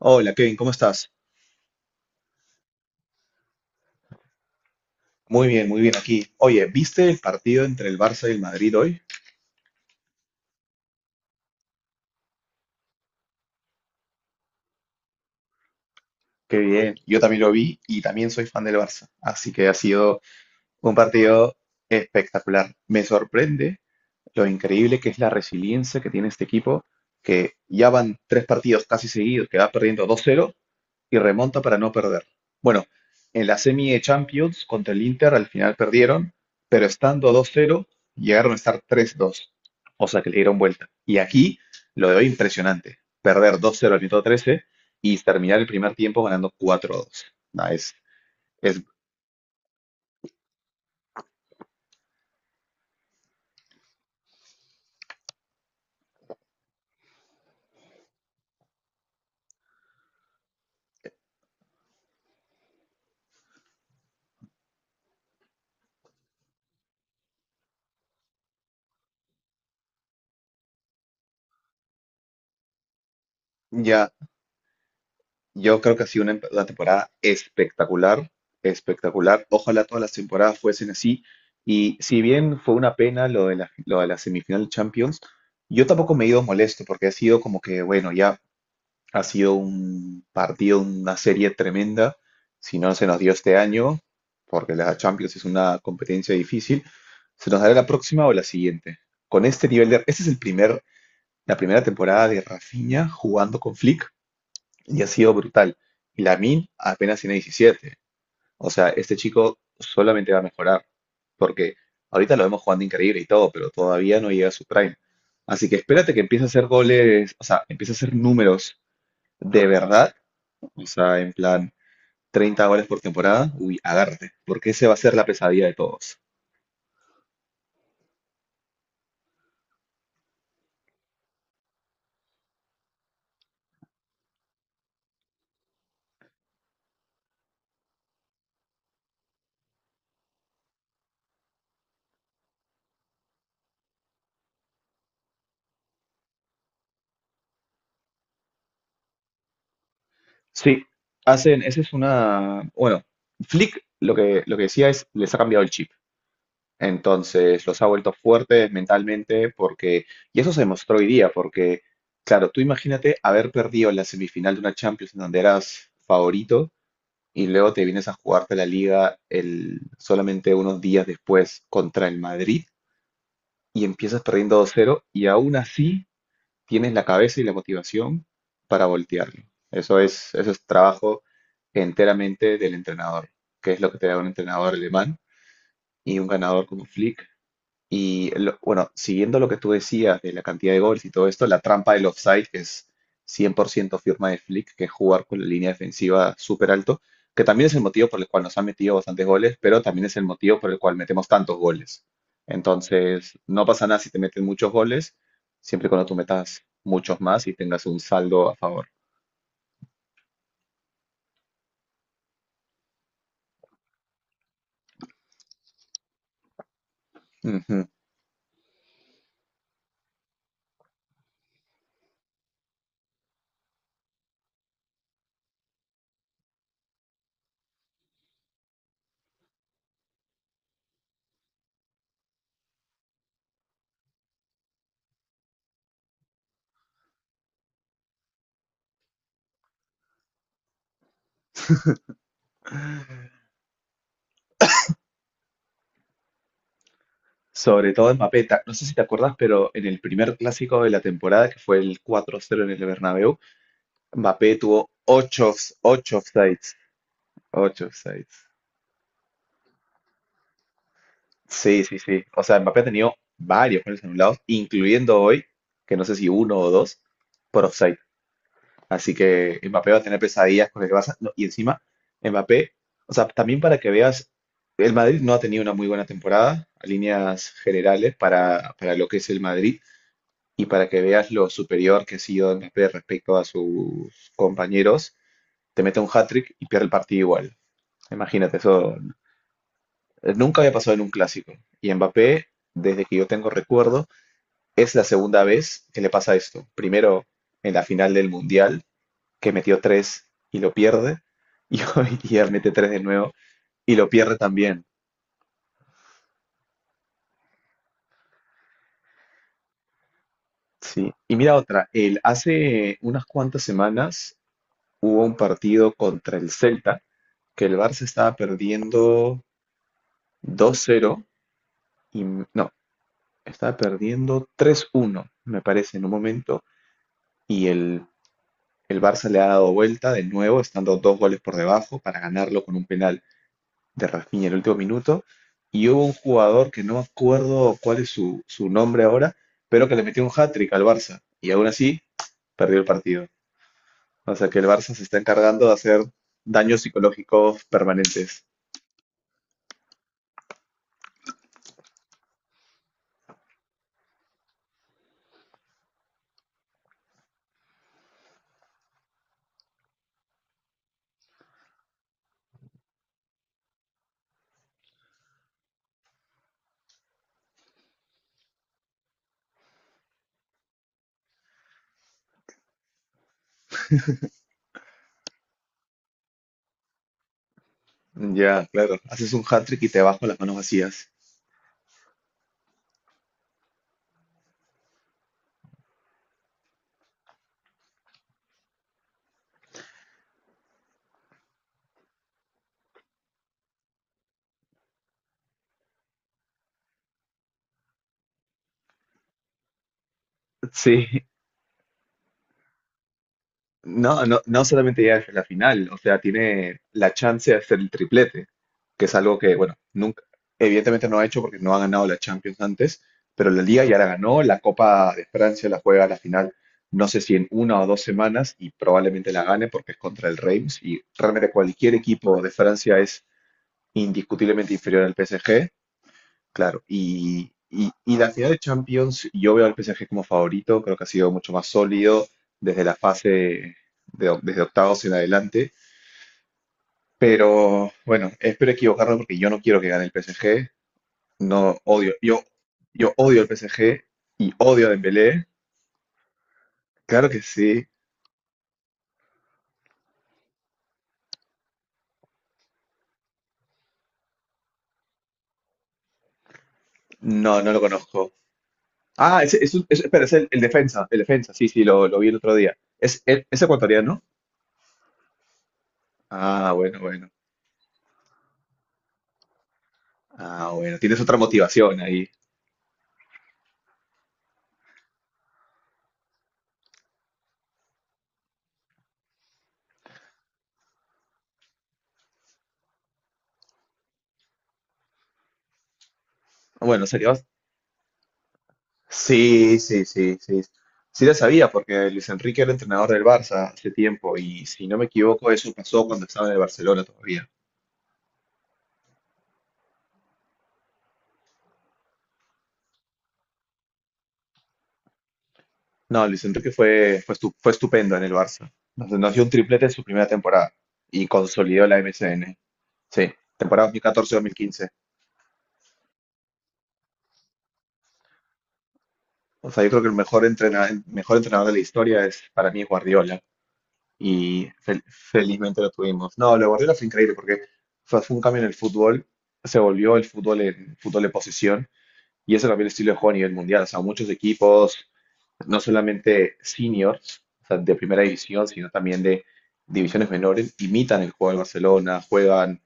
Hola Kevin, ¿cómo estás? Muy bien aquí. Oye, ¿viste el partido entre el Barça y el Madrid hoy? Qué bien, yo también lo vi y también soy fan del Barça, así que ha sido un partido espectacular. Me sorprende lo increíble que es la resiliencia que tiene este equipo, que ya van tres partidos casi seguidos, que va perdiendo 2-0 y remonta para no perder. Bueno, en la semi de Champions contra el Inter al final perdieron, pero estando 2-0 llegaron a estar 3-2, o sea que le dieron vuelta. Y aquí lo de hoy impresionante, perder 2-0 al minuto 13 y terminar el primer tiempo ganando 4-2. Nah, es ya yo creo que ha sido una temporada espectacular, espectacular. Ojalá todas las temporadas fuesen así. Y si bien fue una pena lo de la semifinal de Champions, yo tampoco me he ido molesto porque ha sido como que, bueno, ya ha sido un partido, una serie tremenda. Si no se nos dio este año, porque la Champions es una competencia difícil, se nos dará la próxima o la siguiente. Con este nivel de... Este es el primer, la primera temporada de Rafinha jugando con Flick y ha sido brutal. Y Lamin apenas tiene 17. O sea, este chico solamente va a mejorar, porque ahorita lo vemos jugando increíble y todo, pero todavía no llega a su prime. Así que espérate que empiece a hacer goles, o sea, empiece a hacer números de verdad, o sea, en plan 30 goles por temporada, uy, agárrate, porque ese va a ser la pesadilla de todos. Sí, hacen, esa es una, bueno, Flick lo que decía es, les ha cambiado el chip. Entonces los ha vuelto fuertes mentalmente porque, y eso se demostró hoy día, porque, claro, tú imagínate haber perdido la semifinal de una Champions en donde eras favorito y luego te vienes a jugarte la liga solamente unos días después contra el Madrid y empiezas perdiendo 2-0 y aún así tienes la cabeza y la motivación para voltearlo. Eso es trabajo enteramente del entrenador, que es lo que te da un entrenador alemán y un ganador como Flick y bueno, siguiendo lo que tú decías de la cantidad de goles y todo esto, la trampa del offside, que es 100% firma de Flick, que es jugar con la línea defensiva súper alto, que también es el motivo por el cual nos han metido bastantes goles, pero también es el motivo por el cual metemos tantos goles. Entonces, no pasa nada si te meten muchos goles, siempre y cuando tú metas muchos más y tengas un saldo a favor. Ujú. Sobre todo en Mbappé, no sé si te acuerdas, pero en el primer clásico de la temporada, que fue el 4-0 en el Bernabéu, Mbappé tuvo ocho offsides. Ocho offsides. Sí, sí, sí. O sea, Mbappé ha tenido varios goles anulados, incluyendo hoy, que no sé si uno o dos, por offside. Así que Mbappé va a tener pesadillas con el Barça. No, y encima, Mbappé, o sea, también para que veas, el Madrid no ha tenido una muy buena temporada, a líneas generales, para lo que es el Madrid. Y para que veas lo superior que ha sido Mbappé respecto a sus compañeros, te mete un hat-trick y pierde el partido igual. Imagínate, eso nunca había pasado en un clásico. Y Mbappé, desde que yo tengo recuerdo, es la segunda vez que le pasa esto. Primero en la final del Mundial, que metió tres y lo pierde. Y hoy día mete tres de nuevo y lo pierde también. Sí. Y mira otra. Él hace unas cuantas semanas hubo un partido contra el Celta, que el Barça estaba perdiendo 2-0. Y no, estaba perdiendo 3-1 me parece, en un momento. Y el El Barça le ha dado vuelta de nuevo, estando dos goles por debajo para ganarlo con un penal de Rafinha en el último minuto. Y hubo un jugador que no me acuerdo cuál es su nombre ahora, pero que le metió un hat-trick al Barça. Y aún así, perdió el partido. O sea que el Barça se está encargando de hacer daños psicológicos permanentes. Ya, claro. Haces un hat-trick y te bajo las manos vacías. Sí. No, no, no solamente llega a la final, o sea, tiene la chance de hacer el triplete, que es algo que, bueno, nunca, evidentemente no ha hecho porque no ha ganado la Champions antes, pero la Liga ya la ganó, la Copa de Francia la juega a la final, no sé si en una o dos semanas, y probablemente la gane porque es contra el Reims, y realmente cualquier equipo de Francia es indiscutiblemente inferior al PSG. Claro, y la final de Champions, yo veo al PSG como favorito, creo que ha sido mucho más sólido desde desde octavos en adelante, pero bueno, espero equivocarme porque yo no quiero que gane el PSG, no odio, yo odio el PSG y odio a Dembélé, claro que sí. No, no lo conozco. Ah, espera, es el defensa, sí, sí, lo vi el otro día. ¿Es ecuatoriano? Ah, bueno, bueno, ah, bueno, tienes otra motivación ahí. Bueno, sería sí, sí, sí, sí. Sí la sabía porque Luis Enrique era entrenador del Barça hace tiempo y si no me equivoco eso pasó cuando estaba en el Barcelona todavía. No, Luis Enrique fue estupendo en el Barça. Nos dio un triplete en su primera temporada y consolidó la MSN. Sí, temporada 2014-2015. O sea, yo creo que el mejor entrenador de la historia es, para mí, es Guardiola y felizmente lo tuvimos. No, lo de Guardiola fue increíble porque fue un cambio en el fútbol, se volvió el fútbol en fútbol de posición. Y eso cambió el estilo de juego a nivel mundial. O sea, muchos equipos, no solamente seniors, o sea, de primera división, sino también de divisiones menores, imitan el juego del Barcelona, juegan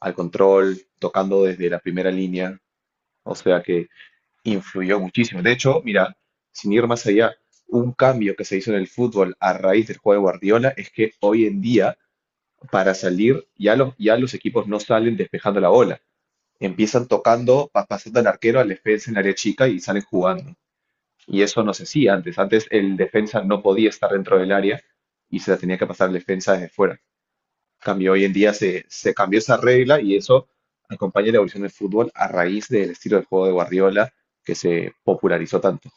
al control, tocando desde la primera línea. O sea que influyó muchísimo. De hecho, mira, sin ir más allá, un cambio que se hizo en el fútbol a raíz del juego de Guardiola es que hoy en día, para salir, ya los equipos no salen despejando la bola. Empiezan tocando, pasando al arquero, al defensa en área chica y salen jugando. Y eso no se hacía antes. Antes el defensa no podía estar dentro del área y se la tenía que pasar el defensa desde fuera. Cambio, hoy en día se cambió esa regla y eso acompaña la evolución del fútbol a raíz del estilo de juego de Guardiola que se popularizó tanto.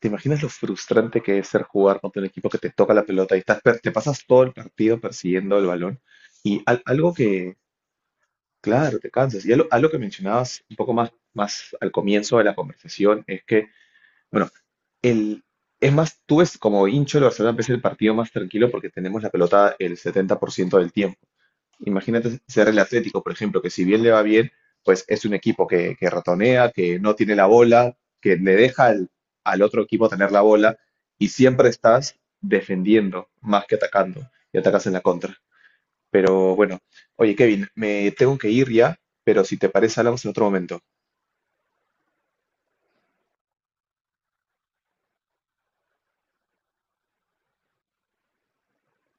¿Te imaginas lo frustrante que es ser jugar contra un equipo que te toca la pelota y estás, te pasas todo el partido persiguiendo el balón? Y algo que, claro, te cansas. Y algo que mencionabas un poco más al comienzo de la conversación es que, bueno, el, es más, tú ves como hincho el Barcelona empieza el partido más tranquilo porque tenemos la pelota el 70% del tiempo. Imagínate ser el Atlético, por ejemplo, que si bien le va bien, pues es un equipo que ratonea, que no tiene la bola, que le deja al otro equipo tener la bola y siempre estás defendiendo más que atacando y atacas en la contra. Pero bueno, oye Kevin, me tengo que ir ya, pero si te parece hablamos en otro momento.